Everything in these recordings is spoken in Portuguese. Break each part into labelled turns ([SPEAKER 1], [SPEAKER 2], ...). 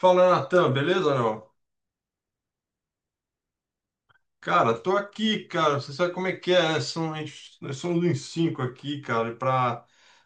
[SPEAKER 1] Fala, Natan, beleza ou não? Cara, tô aqui, cara. Você sabe como é que é, né? São, nós somos uns cinco aqui, cara. E pra,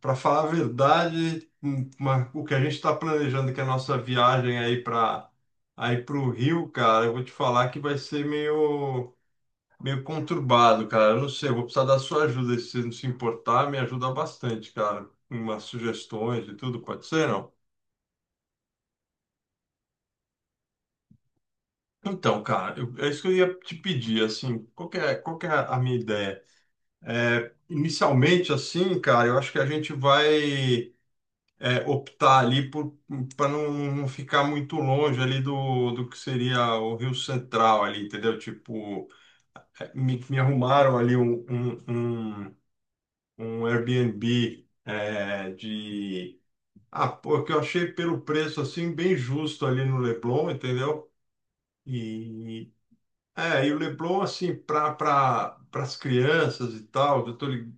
[SPEAKER 1] pra falar a verdade, o que a gente tá planejando, que é a nossa viagem aí pro Rio, cara, eu vou te falar que vai ser meio conturbado, cara. Eu não sei, eu vou precisar da sua ajuda. Se você não se importar, me ajuda bastante, cara. Umas sugestões e tudo, pode ser, não? Então, cara, é isso que eu ia te pedir, assim, qual que é a minha ideia? É, inicialmente, assim, cara, eu acho que a gente vai optar ali por para não ficar muito longe ali do que seria o Rio Central ali, entendeu? Tipo, é, me arrumaram ali um Airbnb é, de... Ah, pô, que eu achei pelo preço, assim, bem justo ali no Leblon, entendeu? E é, e o Leblon, assim, pra as crianças e tal,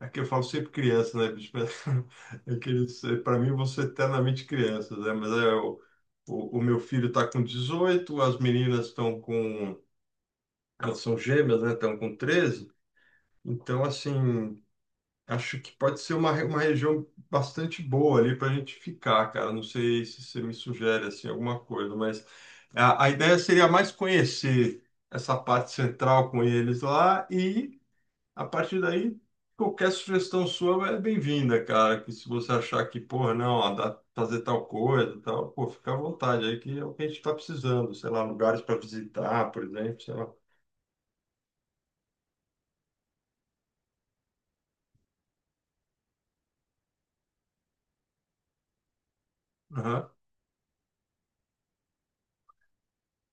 [SPEAKER 1] é que eu falo sempre criança, né, bicho? Mas é que pra mim, você eternamente crianças, né? Mas é, o meu filho está com 18, as meninas estão com... Elas são gêmeas, né? Estão com 13. Então, assim, acho que pode ser uma região bastante boa ali para a gente ficar, cara. Não sei se você me sugere assim alguma coisa, mas a ideia seria mais conhecer essa parte central com eles lá e, a partir daí, qualquer sugestão sua é bem-vinda, cara. Que se você achar que, porra, não, ó, dá pra fazer tal coisa, tal, pô, fica à vontade aí que é o que a gente está precisando, sei lá, lugares para visitar, por exemplo, sei lá.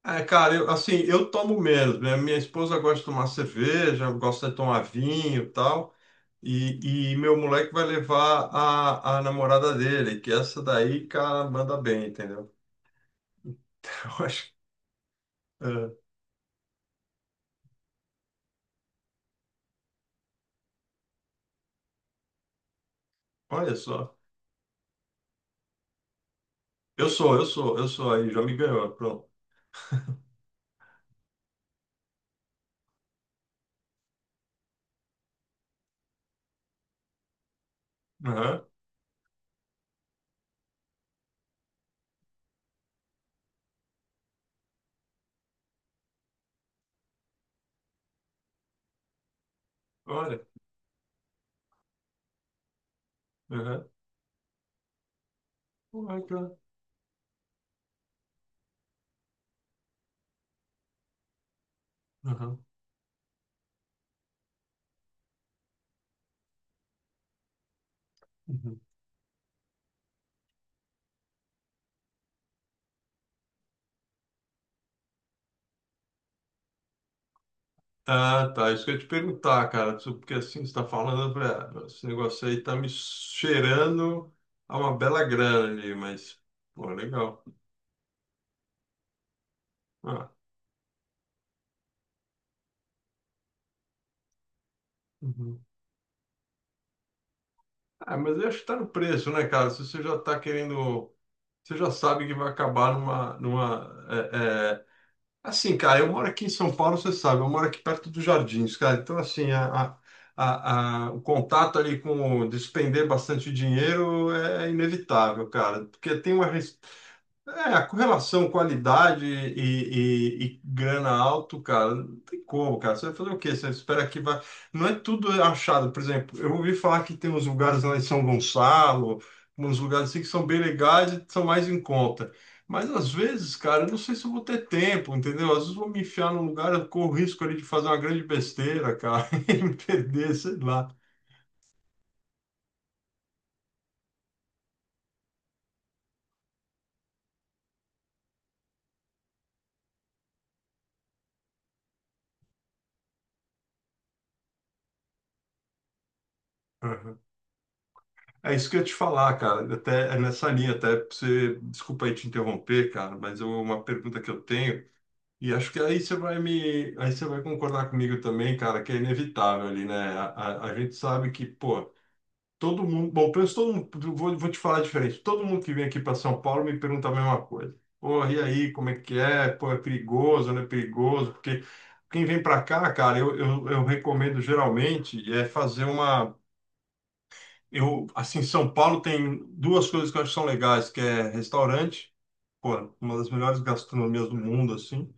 [SPEAKER 1] É, cara, eu, assim, eu tomo menos, né? Minha esposa gosta de tomar cerveja, gosta de tomar vinho e tal, e meu moleque vai levar a namorada dele, que essa daí, cara, manda bem, entendeu? Então, eu acho, é, olha só, eu sou aí, já me ganhou, pronto. Aham, olha, aham, olha, cara. Aham, uhum. Ah, tá. Isso que eu ia te perguntar, cara. Isso- porque assim, você está falando, eu falei, ah, meu, esse negócio aí tá me cheirando a uma bela grana ali, mas, pô, legal. Ah, uhum. Ah, mas eu acho que tá no preço, né, cara? Se você já tá querendo. Você já sabe que vai acabar numa. Numa é, é- assim, cara, eu moro aqui em São Paulo, você sabe, eu moro aqui perto dos Jardins, cara. Então, assim, o contato ali com o despender bastante dinheiro é inevitável, cara, porque tem uma, é, a correlação qualidade e grana alto, cara, não tem como, cara. Você vai fazer o quê? Você espera que vai. Não é tudo achado. Por exemplo, eu ouvi falar que tem uns lugares lá em São Gonçalo, uns lugares assim que são bem legais e são mais em conta. Mas às vezes, cara, eu não sei se eu vou ter tempo, entendeu? Às vezes eu vou me enfiar num lugar, eu corro o risco ali de fazer uma grande besteira, cara, e me perder, sei lá. É isso que eu ia te falar, cara. Até é nessa linha, até pra você, desculpa aí te interromper, cara, mas é uma pergunta que eu tenho e acho que aí você vai aí você vai concordar comigo também, cara, que é inevitável ali, né? A gente sabe que, pô, todo mundo, bom, pelo menos todo mundo, vou te falar diferente. Todo mundo que vem aqui para São Paulo me pergunta a mesma coisa. Pô, e aí, como é que é? Pô, é perigoso, não é perigoso? Porque quem vem para cá, cara, eu recomendo geralmente é fazer uma eu, assim, São Paulo tem duas coisas que eu acho que são legais, que é restaurante, pô, uma das melhores gastronomias do mundo, assim.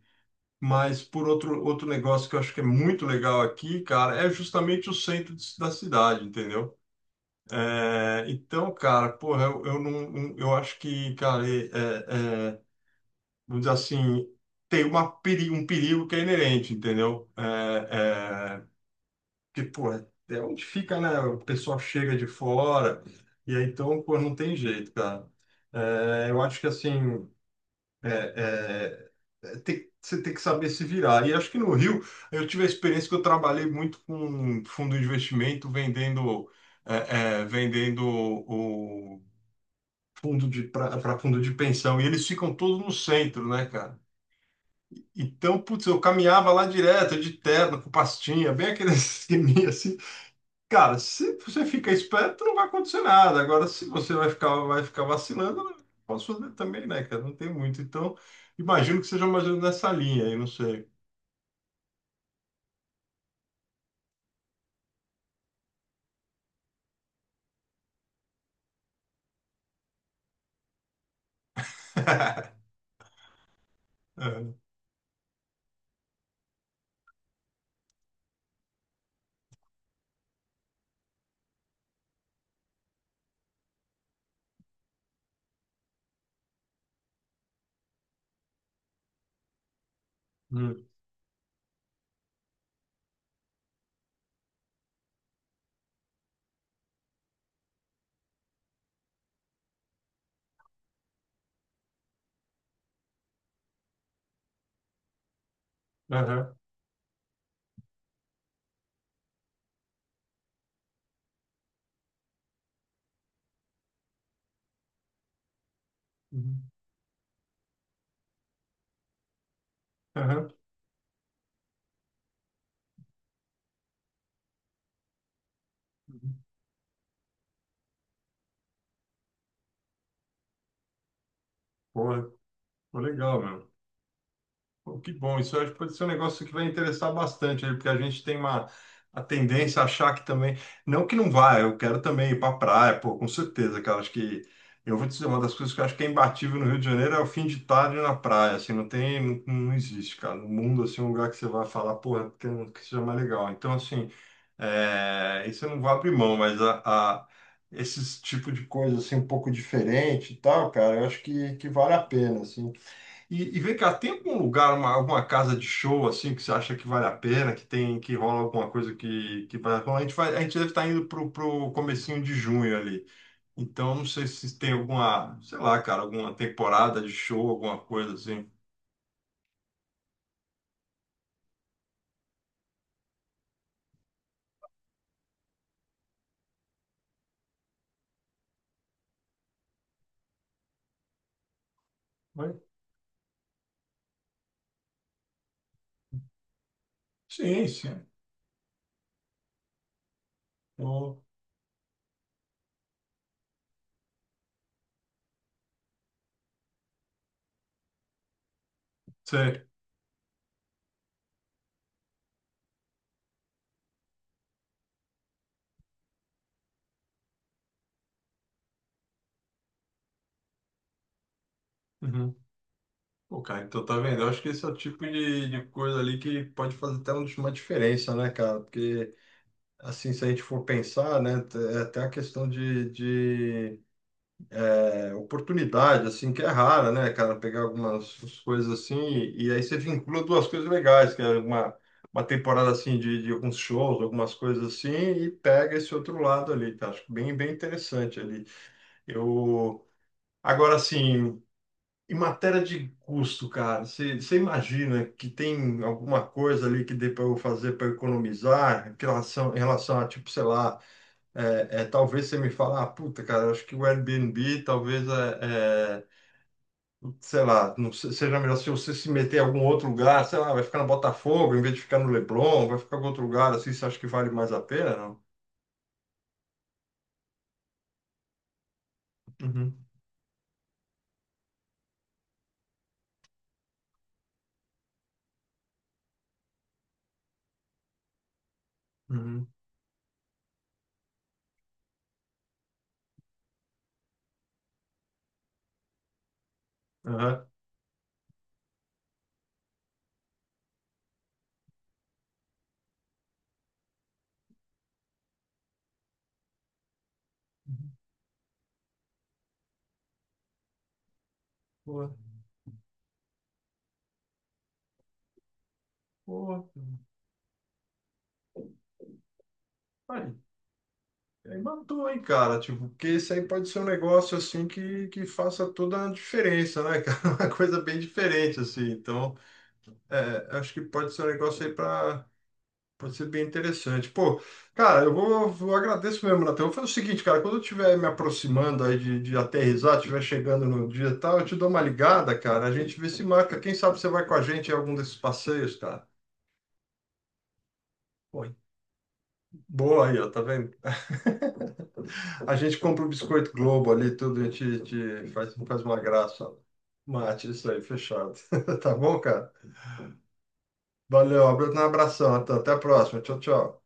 [SPEAKER 1] Mas por outro negócio que eu acho que é muito legal aqui, cara, é justamente o da cidade, entendeu? É, então, cara, porra, eu não, eu acho que, cara, é, é, vamos dizer assim, tem uma um perigo que é inerente, entendeu? É, porque, pô, é é onde fica, né? O pessoal chega de fora, e aí então, pô, não tem jeito, cara. É, eu acho que assim, é, é, você tem que saber se virar. E acho que no Rio, eu tive a experiência que eu trabalhei muito com fundo de investimento, vendendo, vendendo o fundo de para fundo de pensão, e eles ficam todos no centro, né, cara? Então, putz, eu caminhava lá direto, de terno, com pastinha, bem aquele esqueminha assim. Cara, se você fica esperto, não vai acontecer nada. Agora, se você vai ficar vacilando, não posso fazer também, né, cara? Não tem muito. Então, imagino que seja mais ou menos nessa linha aí, não sei. É. Hum. Aham. Uhum. Aham. Uhum. Pô, pô, legal, meu. Pô, que bom, isso acho que pode ser um negócio que vai interessar bastante, aí, porque a gente tem uma a tendência a achar que também, não que não vai. Eu quero também ir para praia, pô, com certeza, cara, acho que eu vou te dizer uma das coisas que eu acho que é imbatível no Rio de Janeiro é o fim de tarde na praia, assim, não tem, não existe, cara, no mundo assim um lugar que você vai falar, porra, que seja mais legal. Então, assim, é, isso eu não vou abrir mão, mas esses tipo de coisa assim um pouco diferente e tal, cara, eu acho que vale a pena, assim. E vem cá, tem algum lugar, uma, alguma casa de show assim que você acha que vale a pena, que tem, que rola alguma coisa que vale a pena? A gente vai, a gente deve estar indo pro comecinho de junho ali. Então, não sei se tem alguma, sei lá, cara, alguma temporada de show, alguma coisa assim. Mas, sim, sim. Pô, sei. Uhum. Pô, cara, então tá vendo? Eu acho que esse é o tipo de coisa ali que pode fazer até uma diferença, né, cara? Porque, assim, se a gente for pensar, né, é até a questão de é oportunidade, assim, que é rara, né, cara? Pegar algumas coisas assim, e aí você vincula duas coisas legais, que é uma temporada, assim, de alguns shows, algumas coisas assim, e pega esse outro lado ali, tá? Acho bem, bem interessante ali. Eu... Agora, assim, em matéria de custo, cara, você imagina que tem alguma coisa ali que dê para eu fazer para economizar em relação, tipo, sei lá, talvez você me fale, ah, puta, cara, acho que o Airbnb talvez sei lá, seja melhor se você se meter em algum outro lugar, sei lá, vai ficar no Botafogo em vez de ficar no Leblon, vai ficar em outro lugar assim, você acha que vale mais a pena, não? Uhum, uhum, aham. Boa, boa. Aí, aí matou, hein, cara? Tipo, porque isso aí pode ser um negócio assim que faça toda a diferença, né, cara? Uma coisa bem diferente, assim. Então, é, acho que pode ser um negócio aí para pode ser bem interessante. Pô, cara, eu agradeço mesmo, Natan. Eu vou fazer o seguinte, cara, quando eu estiver me aproximando aí de aterrissar, estiver chegando no dia e tal, eu te dou uma ligada, cara. A gente vê se marca. Quem sabe você vai com a gente em algum desses passeios, cara. Pô, boa aí, ó, tá vendo? A gente compra o biscoito Globo ali, tudo, a gente, te faz, uma graça, ó. Mate, isso aí, fechado. Tá bom, cara? Valeu, um abração, Natan. Até a próxima. Tchau, tchau.